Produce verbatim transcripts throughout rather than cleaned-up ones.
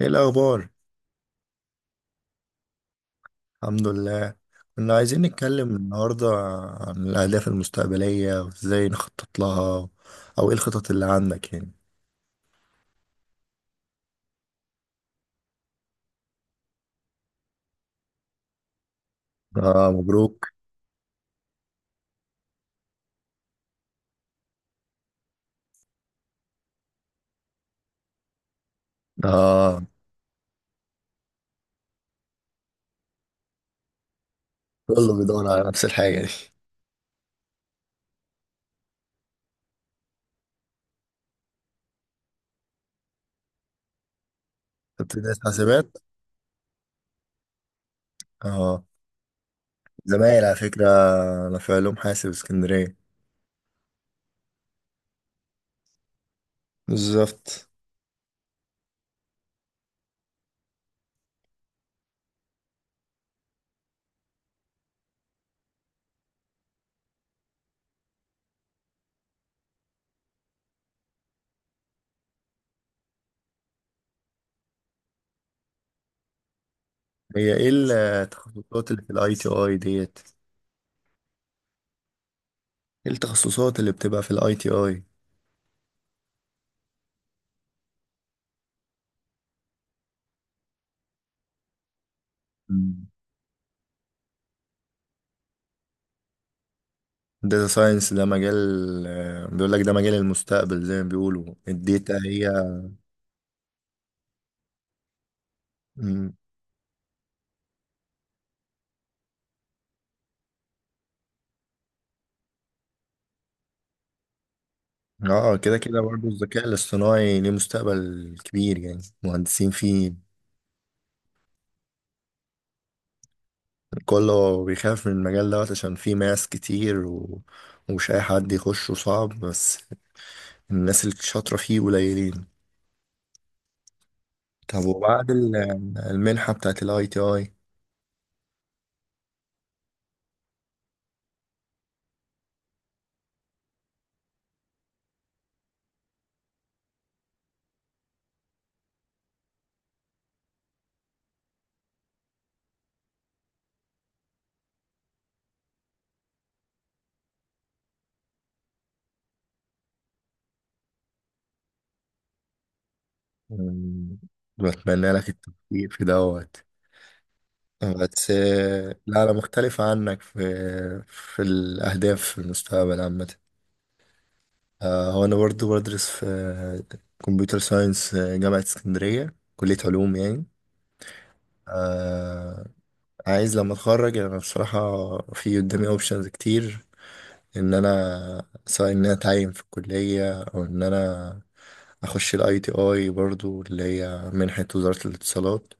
ايه الاخبار؟ الحمد لله. كنا عايزين نتكلم النهارده عن الاهداف المستقبليه وازاي نخطط لها، او ايه الخطط اللي عندك يعني؟ اه، مبروك. اه، كله بيدور على نفس الحاجه دي. كنت داس حاسبات؟ اه. زمايل على فكره، انا في علوم حاسب اسكندريه. بالظبط. هي ايه التخصصات اللي في الاي تي اي ديت؟ ايه التخصصات اللي بتبقى في الاي تي اي؟ داتا ساينس ده مجال، آه، بيقول لك ده مجال المستقبل زي ما بيقولوا الداتا هي. مم. اه، كده كده برضه الذكاء الاصطناعي ليه مستقبل كبير، يعني مهندسين فيه. كله بيخاف من المجال دوت عشان فيه ماس كتير و... ومش أي حد يخشه، صعب بس. الناس اللي شاطرة فيه قليلين. طب وبعد ال- المنحة بتاعت الاي تي اي. بتمنى لك التوفيق في دوت. آه، بس، آه، لا، أنا مختلف عنك في في الأهداف في المستقبل عامة. آه، هو أنا برضو بدرس في كمبيوتر ساينس، آه، جامعة اسكندرية، كلية علوم يعني. آه، عايز لما أتخرج، يعني أنا بصراحة في قدامي أوبشنز كتير، إن أنا سواء إن أنا أتعين في الكلية، أو إن أنا أخش ال آي تي آي برضو اللي هي منحة وزارة الاتصالات،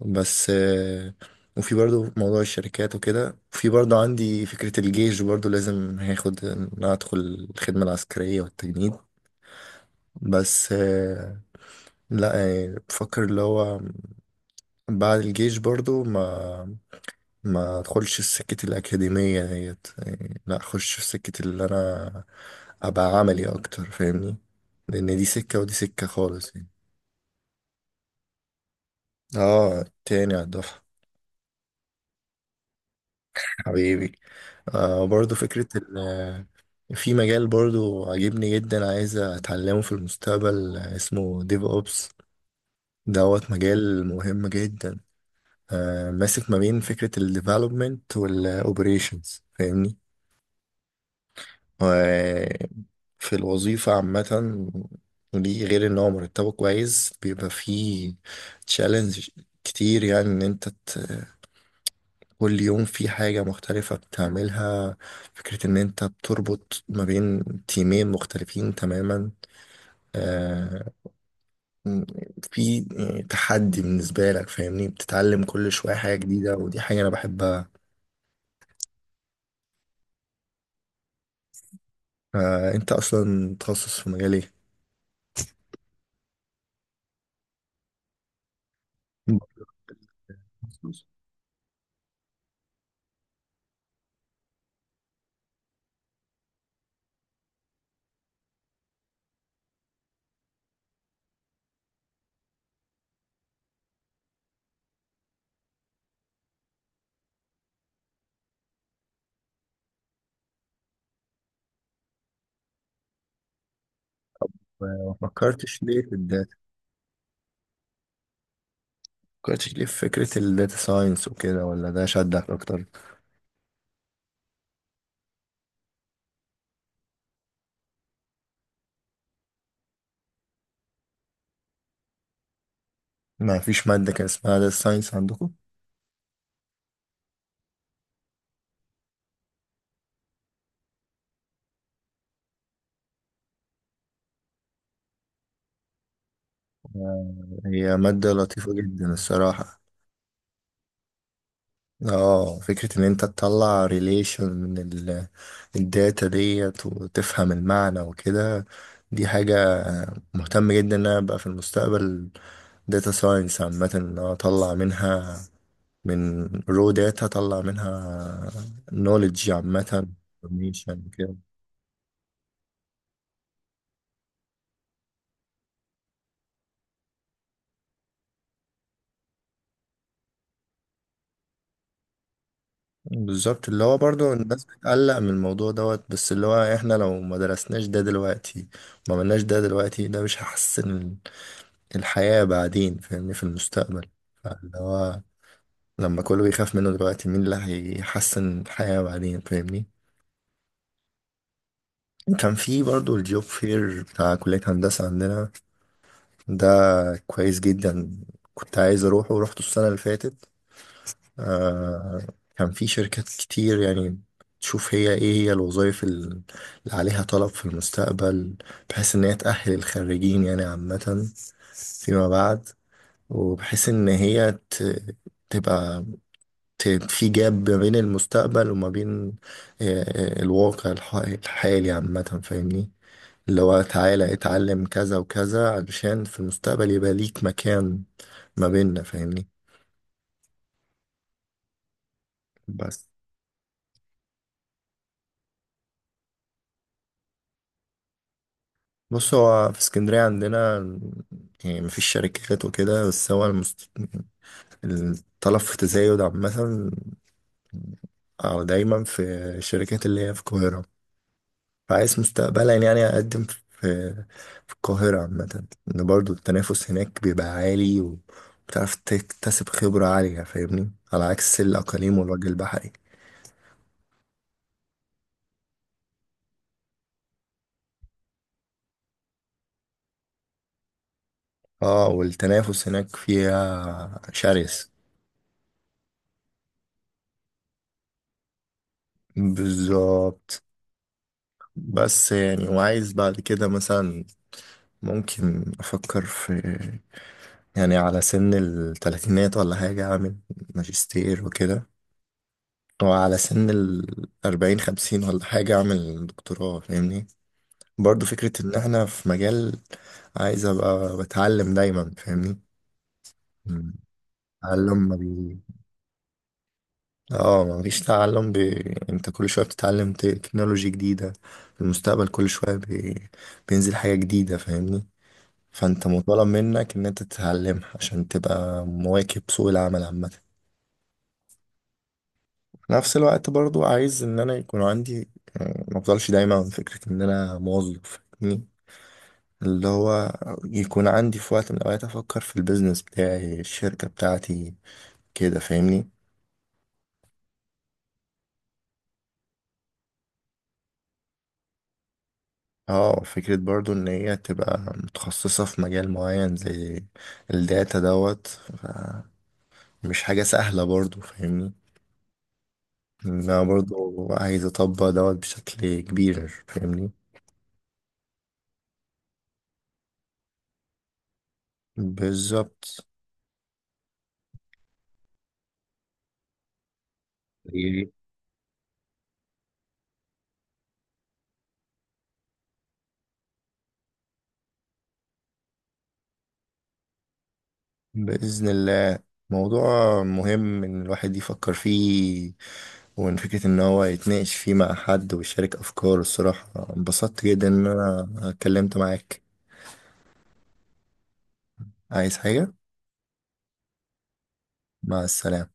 بس آه، وفي برضو موضوع الشركات وكده، وفي برضو عندي فكرة الجيش، برضو لازم هاخد، إن أنا أدخل الخدمة العسكرية والتجنيد. بس آه، لا يعني بفكر اللي هو بعد الجيش برضو ما ما ادخلش سكة الأكاديمية ديت، يعني لا أخش في سكة اللي أنا أبقى عملي أكتر، فاهمني؟ لأن دي سكة ودي سكة خالص يعني. اه، تاني على الدفعة. حبيبي. آه برضو فكرة ال آه، في مجال برضو عاجبني جدا، عايز أتعلمه في المستقبل، آه، اسمه ديف أوبس. دوت مجال مهم جدا. آه، ماسك ما بين فكرة الديفلوبمنت والأوبريشنز، فاهمني؟ وفي الوظيفة عامة، ودي غير إن هو مرتبه كويس، بيبقى فيه تشالنج كتير، يعني إن أنت كل يوم في حاجة مختلفة بتعملها. فكرة إن أنت بتربط ما بين تيمين مختلفين تماما، آه في تحدي بالنسبة لك، فاهمني؟ بتتعلم كل شوية حاجة جديدة، ودي حاجة أنا بحبها. آه أنت أصلا تخصص في مجال إيه؟ بتخصص. ما فكرتش ليه في الداتا، فكرتش ليه في فكرة الداتا ساينس وكده، ولا ده شدك أكتر؟ ما فيش مادة كان اسمها داتا ساينس عندكم؟ هي مادة لطيفة جدا الصراحة. اه، فكرة ان انت تطلع ريليشن من ال- الداتا ديت وتفهم المعنى وكده. دي حاجة مهتم جدا ان انا ابقى في المستقبل داتا ساينس عامة، ان أنا اطلع منها، من رو داتا اطلع منها نوليدج عامة، information كده. بالظبط، اللي هو برضو الناس بتقلق من الموضوع دوت، بس اللي هو احنا لو ما درسناش ده دلوقتي، ما عملناش ده دلوقتي، ده مش هحسن الحياة بعدين، فاهمني؟ في المستقبل، فاللي هو لما كله بيخاف منه دلوقتي، مين اللي هيحسن الحياة بعدين، فاهمني؟ كان في برضو الجوب فير بتاع كلية هندسة عندنا ده، كويس جدا. كنت عايز أروحه ورحته السنة اللي فاتت. آه، كان في شركات كتير يعني، تشوف هي ايه هي الوظائف ال- اللي عليها طلب في المستقبل، بحيث ان هي تأهل الخريجين يعني عامة فيما بعد، وبحيث ان هي ت- تبقى ت- في جاب ما بين المستقبل وما بين آه، آه، الواقع الح- الحالي عامة، فاهمني؟ اللي هو تعالى اتعلم كذا وكذا علشان في المستقبل يبقى ليك مكان ما بيننا، فاهمني؟ بس. بص، هو في اسكندرية عندنا يعني مفيش شركات وكده، بس هو المست... الطلب في تزايد عامة. آه، دايما في الشركات اللي هي في القاهرة، فعايز مستقبلا يعني أقدم في في القاهرة عامة، إن برضو التنافس هناك بيبقى عالي، وبتعرف تكتسب خبرة عالية، فاهمني؟ على عكس الأقاليم والوجه البحري. اه، والتنافس هناك فيها شرس. بالظبط. بس يعني وعايز بعد كده مثلا ممكن أفكر في، يعني على سن التلاتينات ولا حاجة أعمل ماجستير وكده، وعلى سن الأربعين خمسين ولا حاجة أعمل دكتوراه، فاهمني؟ برضو فكرة ان احنا في مجال عايز ابقى بتعلم دايما، فاهمني؟ مم. تعلم ما بي اه ما فيش تعلم ب... انت كل شوية بتتعلم تكنولوجي جديدة، في المستقبل كل شوية ب... بينزل حاجة جديدة، فاهمني؟ فانت مطالب منك ان انت تتعلمها عشان تبقى مواكب سوق العمل عامة. في نفس الوقت برضو عايز ان انا يكون عندي آه، ما افضلش دايما فكرة ان انا موظف، فاهمني؟ اللي هو يكون عندي في وقت من الأوقات أفكر في البيزنس بتاعي، الشركة بتاعتي كده، فاهمني؟ اه، فكرة برضو إن هي تبقى متخصصة في مجال معين زي الداتا دوت ف- مش حاجة سهلة برضو، فاهمني؟ إن أنا برضو عايز أطبق دوت بشكل كبير، فاهمني؟ بالظبط. بإذن الله، موضوع مهم إن الواحد يفكر فيه، ومن فكرة إن هو يتناقش فيه مع حد ويشارك أفكاره، الصراحة انبسطت جدا إن أنا اتكلمت معاك. عايز حاجة؟ مع السلامة.